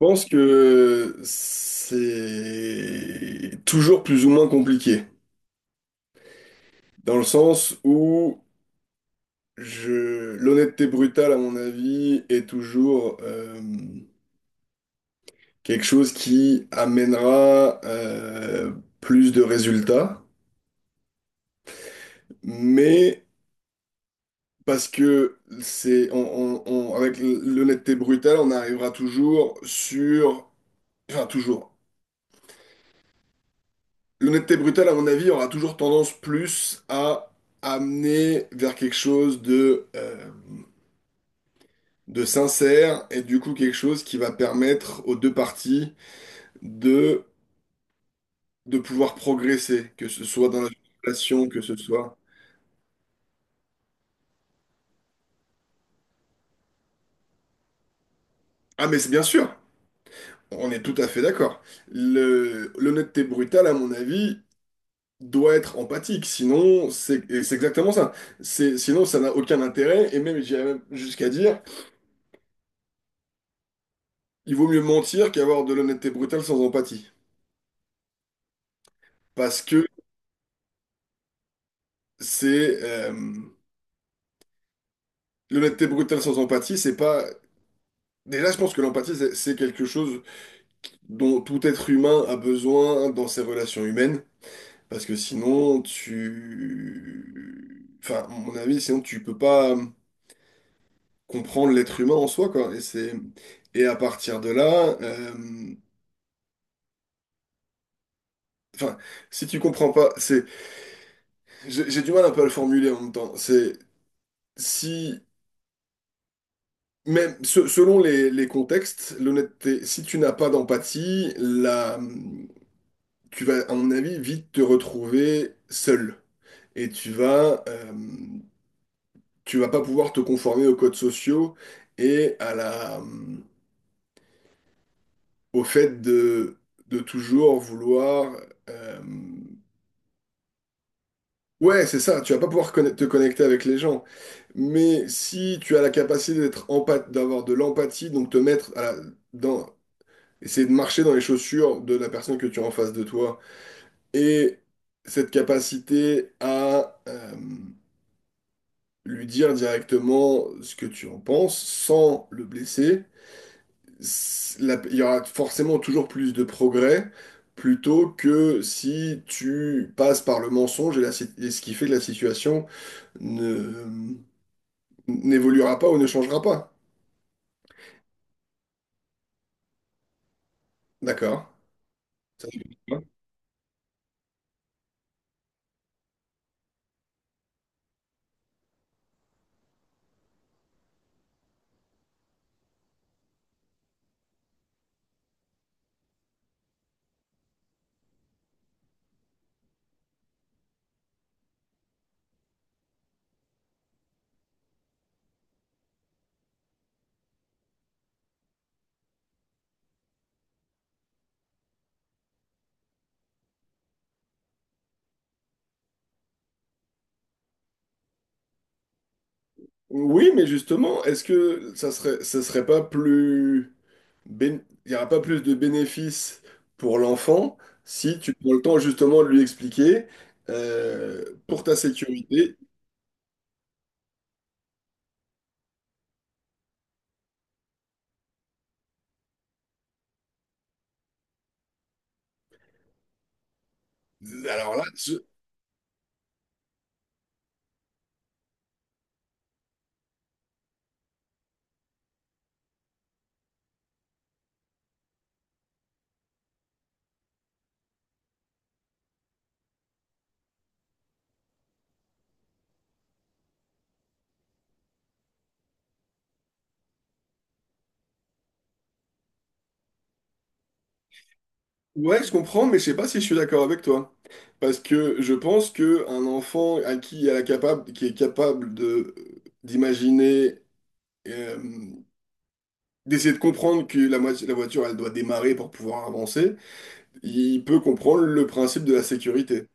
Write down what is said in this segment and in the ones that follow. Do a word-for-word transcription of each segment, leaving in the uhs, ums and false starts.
Je pense que c'est toujours plus ou moins compliqué, dans le sens où je... l'honnêteté brutale, à mon avis, est toujours euh, quelque chose qui amènera euh, plus de résultats, mais parce que c'est on- on- on- avec l'honnêteté brutale, on arrivera toujours sur, enfin toujours. L'honnêteté brutale, à mon avis, aura toujours tendance plus à amener vers quelque chose de, euh, de sincère et du coup quelque chose qui va permettre aux deux parties de, de pouvoir progresser, que ce soit dans la relation, que ce soit... Ah mais c'est bien sûr, on est tout à fait d'accord. Le, l'honnêteté brutale, à mon avis, doit être empathique, sinon c'est et c'est exactement ça. C'est, sinon ça n'a aucun intérêt et même j'irais même jusqu'à dire... Il vaut mieux mentir qu'avoir de l'honnêteté brutale sans empathie. Parce que c'est... euh, l'honnêteté brutale sans empathie, c'est pas... Déjà, je pense que l'empathie, c'est c'est quelque chose dont tout être humain a besoin dans ses relations humaines. Parce que sinon, tu... Enfin, à mon avis, sinon, tu peux pas comprendre l'être humain en soi, quoi. Et c'est... Et à partir de là... euh, Enfin, si tu comprends pas... c'est... J'ai j'ai du mal un peu à le formuler en même temps. C'est... Si... Mais se- selon les, les contextes, l'honnêteté, si tu n'as pas d'empathie, la- tu vas, à mon avis, vite te retrouver seul. Et tu vas, euh, tu vas pas pouvoir te conformer aux codes sociaux et à la, au fait de, de toujours vouloir... euh, ouais, c'est ça, tu vas pas pouvoir conne- te connecter avec les gens. Mais si tu as la capacité d'être empa- d'avoir de l'empathie, donc te mettre à la- dans, essayer de marcher dans les chaussures de la personne que tu as en face de toi. Et cette capacité à euh, lui dire directement ce que tu en penses sans le blesser, c'est- la- il y aura forcément toujours plus de progrès plutôt que si tu passes par le mensonge et, la si- et ce qui fait que la situation ne, n'évoluera pas ou ne changera pas. D'accord? Ça, oui, mais justement, est-ce que ça serait, ça serait pas plus... bén- il n'y aura pas plus de bénéfices pour l'enfant si tu prends le temps justement de lui expliquer euh, pour ta sécurité. Alors là, je- ouais, je comprends, mais je sais pas si je suis d'accord avec toi. Parce que je pense que un enfant à qui elle est capable, qui est capable de d'imaginer, euh, d'essayer de comprendre que la, moitié- la voiture, elle doit démarrer pour pouvoir avancer, il peut comprendre le principe de la sécurité.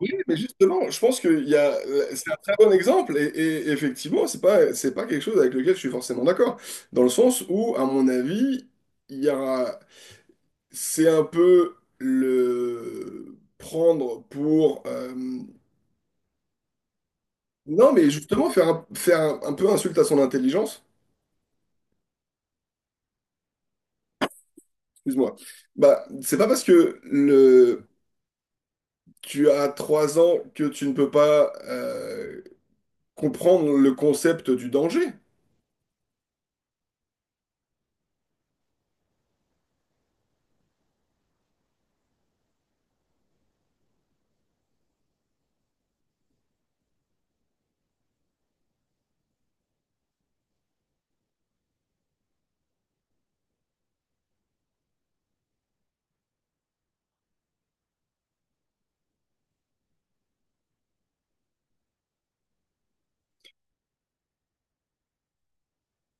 Oui, mais justement, je pense qu'il y a, c'est un très bon exemple et, et effectivement, c'est pas, c'est pas quelque chose avec lequel je suis forcément d'accord. Dans le sens où, à mon avis, il y a, c'est un peu le prendre pour, euh, non, mais justement faire un, faire un, un peu insulte à son intelligence. Excuse-moi. Bah, c'est pas parce que le, tu as trois ans que tu ne peux pas euh, comprendre le concept du danger.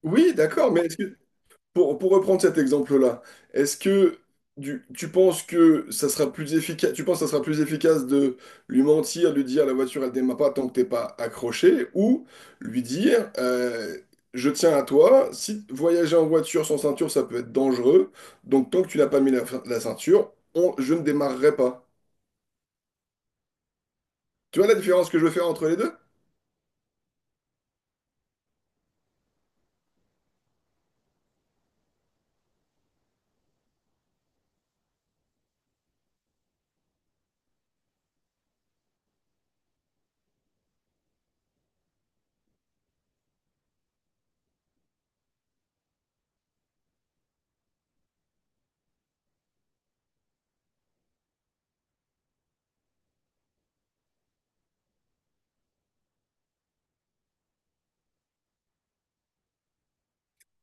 Oui, d'accord, mais est-ce que Pour, pour reprendre cet exemple-là, est-ce que du- tu penses que ça sera plus efficace, tu penses que ça sera plus efficace de lui mentir, lui dire la voiture elle démarre pas tant que t'es pas accroché, ou lui dire euh, je tiens à toi, si voyager en voiture sans ceinture ça peut être dangereux, donc tant que tu n'as pas mis la, la ceinture, on- je ne démarrerai pas. Tu vois la différence que je veux faire entre les deux?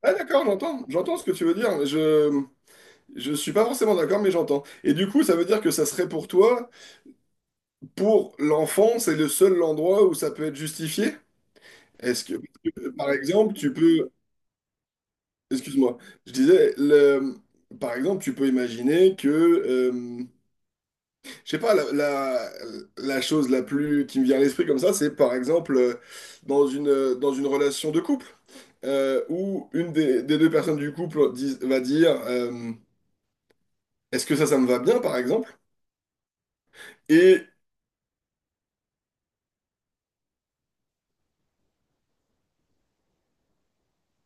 Ah d'accord, j'entends, j'entends ce que tu veux dire, mais je je suis pas forcément d'accord, mais j'entends. Et du coup, ça veut dire que ça serait pour toi. Pour l'enfant, c'est le seul endroit où ça peut être justifié? Est-ce que, par exemple, tu peux... Excuse-moi, je disais, le- par exemple, tu peux imaginer que... euh, je sais pas, la, la, la chose la plus qui me vient à l'esprit comme ça, c'est par exemple euh, dans une, euh, dans une relation de couple, euh, où une des, des deux personnes du couple dis- va dire euh, est-ce que ça, ça me va bien, par exemple? Et...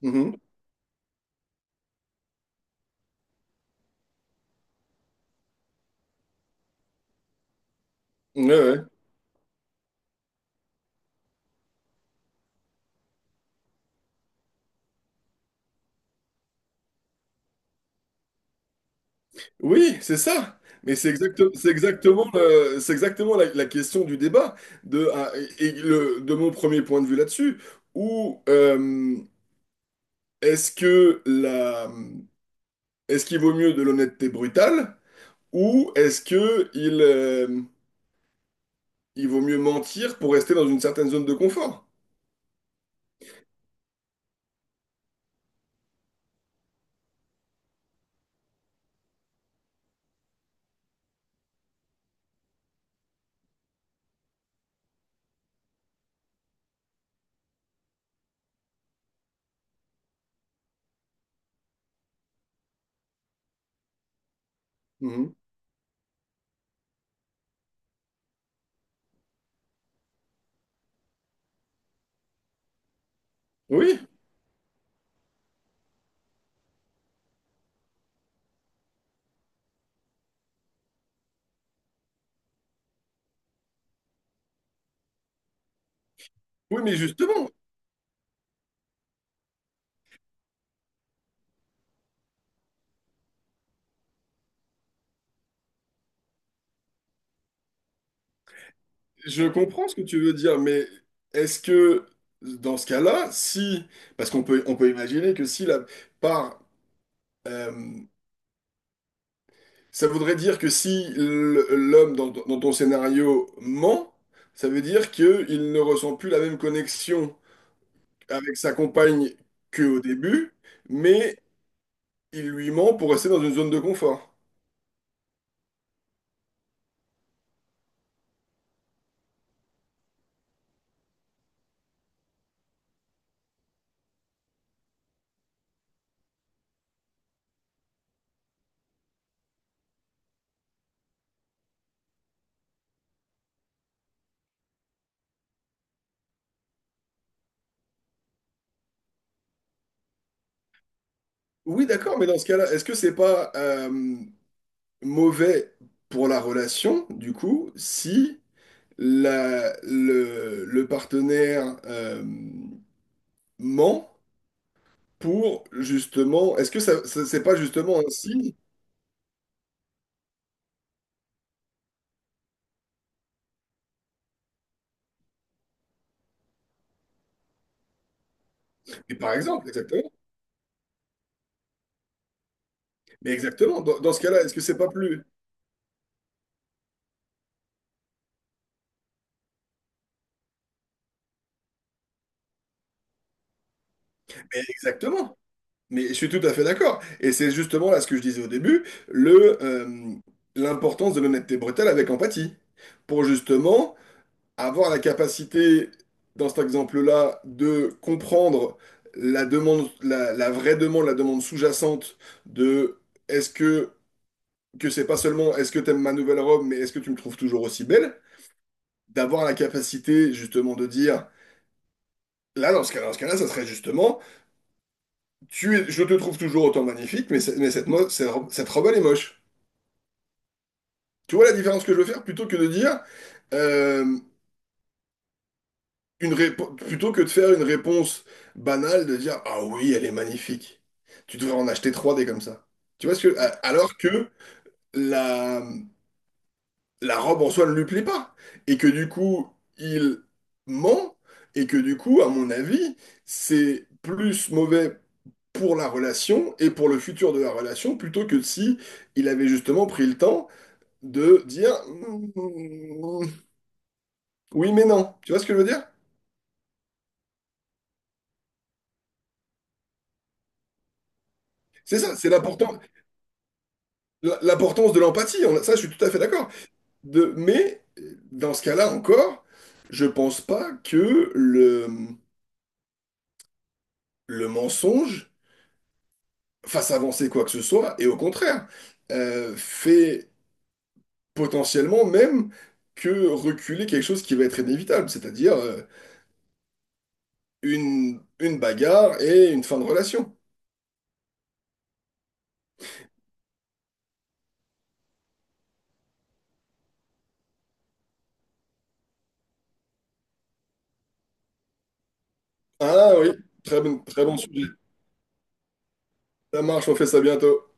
Mhm. Ouais, ouais. Oui, c'est ça. Mais c'est exacte- c'est exactement, le- c'est exactement la, la question du débat de, ah, et le- de mon premier point de vue là-dessus. Où euh, est-ce que la, est-ce qu'il vaut mieux de l'honnêteté brutale ou est-ce que il, euh, il vaut mieux mentir pour rester dans une certaine zone de confort. Mhm. Oui, oui, mais justement, je comprends ce que tu veux dire, mais est-ce que dans ce cas-là, si, parce qu'on peut, on peut imaginer que si la, par, euh, ça voudrait dire que si l- l'homme dans, ton dans ton scénario ment, ça veut dire qu'il ne ressent plus la même connexion avec sa compagne qu'au début, mais il lui ment pour rester dans une zone de confort. Oui, d'accord, mais dans ce cas-là, est-ce que c'est pas euh, mauvais pour la relation, du coup, si la- le, le partenaire euh, ment pour justement, est-ce que ça, ça- c'est pas justement un signe? Et par exemple, exactement. Mais exactement. Dans, dans ce cas-là, est-ce que c'est pas plus... Exactement. Mais je suis tout à fait d'accord. Et c'est justement là ce que je disais au début, le, euh, l'importance de l'honnêteté brutale avec empathie. Pour justement avoir la capacité, dans cet exemple-là, de comprendre la demande, la, la vraie demande, la demande sous-jacente de est-ce que, que c'est pas seulement est-ce que t'aimes ma nouvelle robe, mais est-ce que tu me trouves toujours aussi belle? D'avoir la capacité justement de dire, là, dans ce cas, dans ce cas-là, ça serait justement. Tu es, je te trouve toujours autant magnifique, mais, c'est- mais cette, mo- cette robe cette robe, elle est moche. Tu vois la différence que je veux faire? Plutôt que de dire, euh, une répo- plutôt que de faire une réponse banale, de dire, ah oui, elle est magnifique. Tu devrais en acheter trois des comme ça. Tu vois ce que, a- alors que la, la robe en soi ne lui plaît pas. Et que du coup, il ment. Et que du coup, à mon avis, c'est plus mauvais pour la relation et pour le futur de la relation, plutôt que si il avait justement pris le temps de dire mm, oui mais non. Tu vois ce que je veux dire? C'est ça, c'est l'important- l'importance de l'empathie. On- Ça, je suis tout à fait d'accord. De, mais dans ce cas-là encore, je pense pas que le, le mensonge fasse avancer quoi que ce soit, et au contraire, euh, fait potentiellement même que reculer quelque chose qui va être inévitable, c'est-à-dire euh, une, une bagarre et une fin de relation. Ah oui, très bon, très bon sujet. Ça marche, on fait ça bientôt.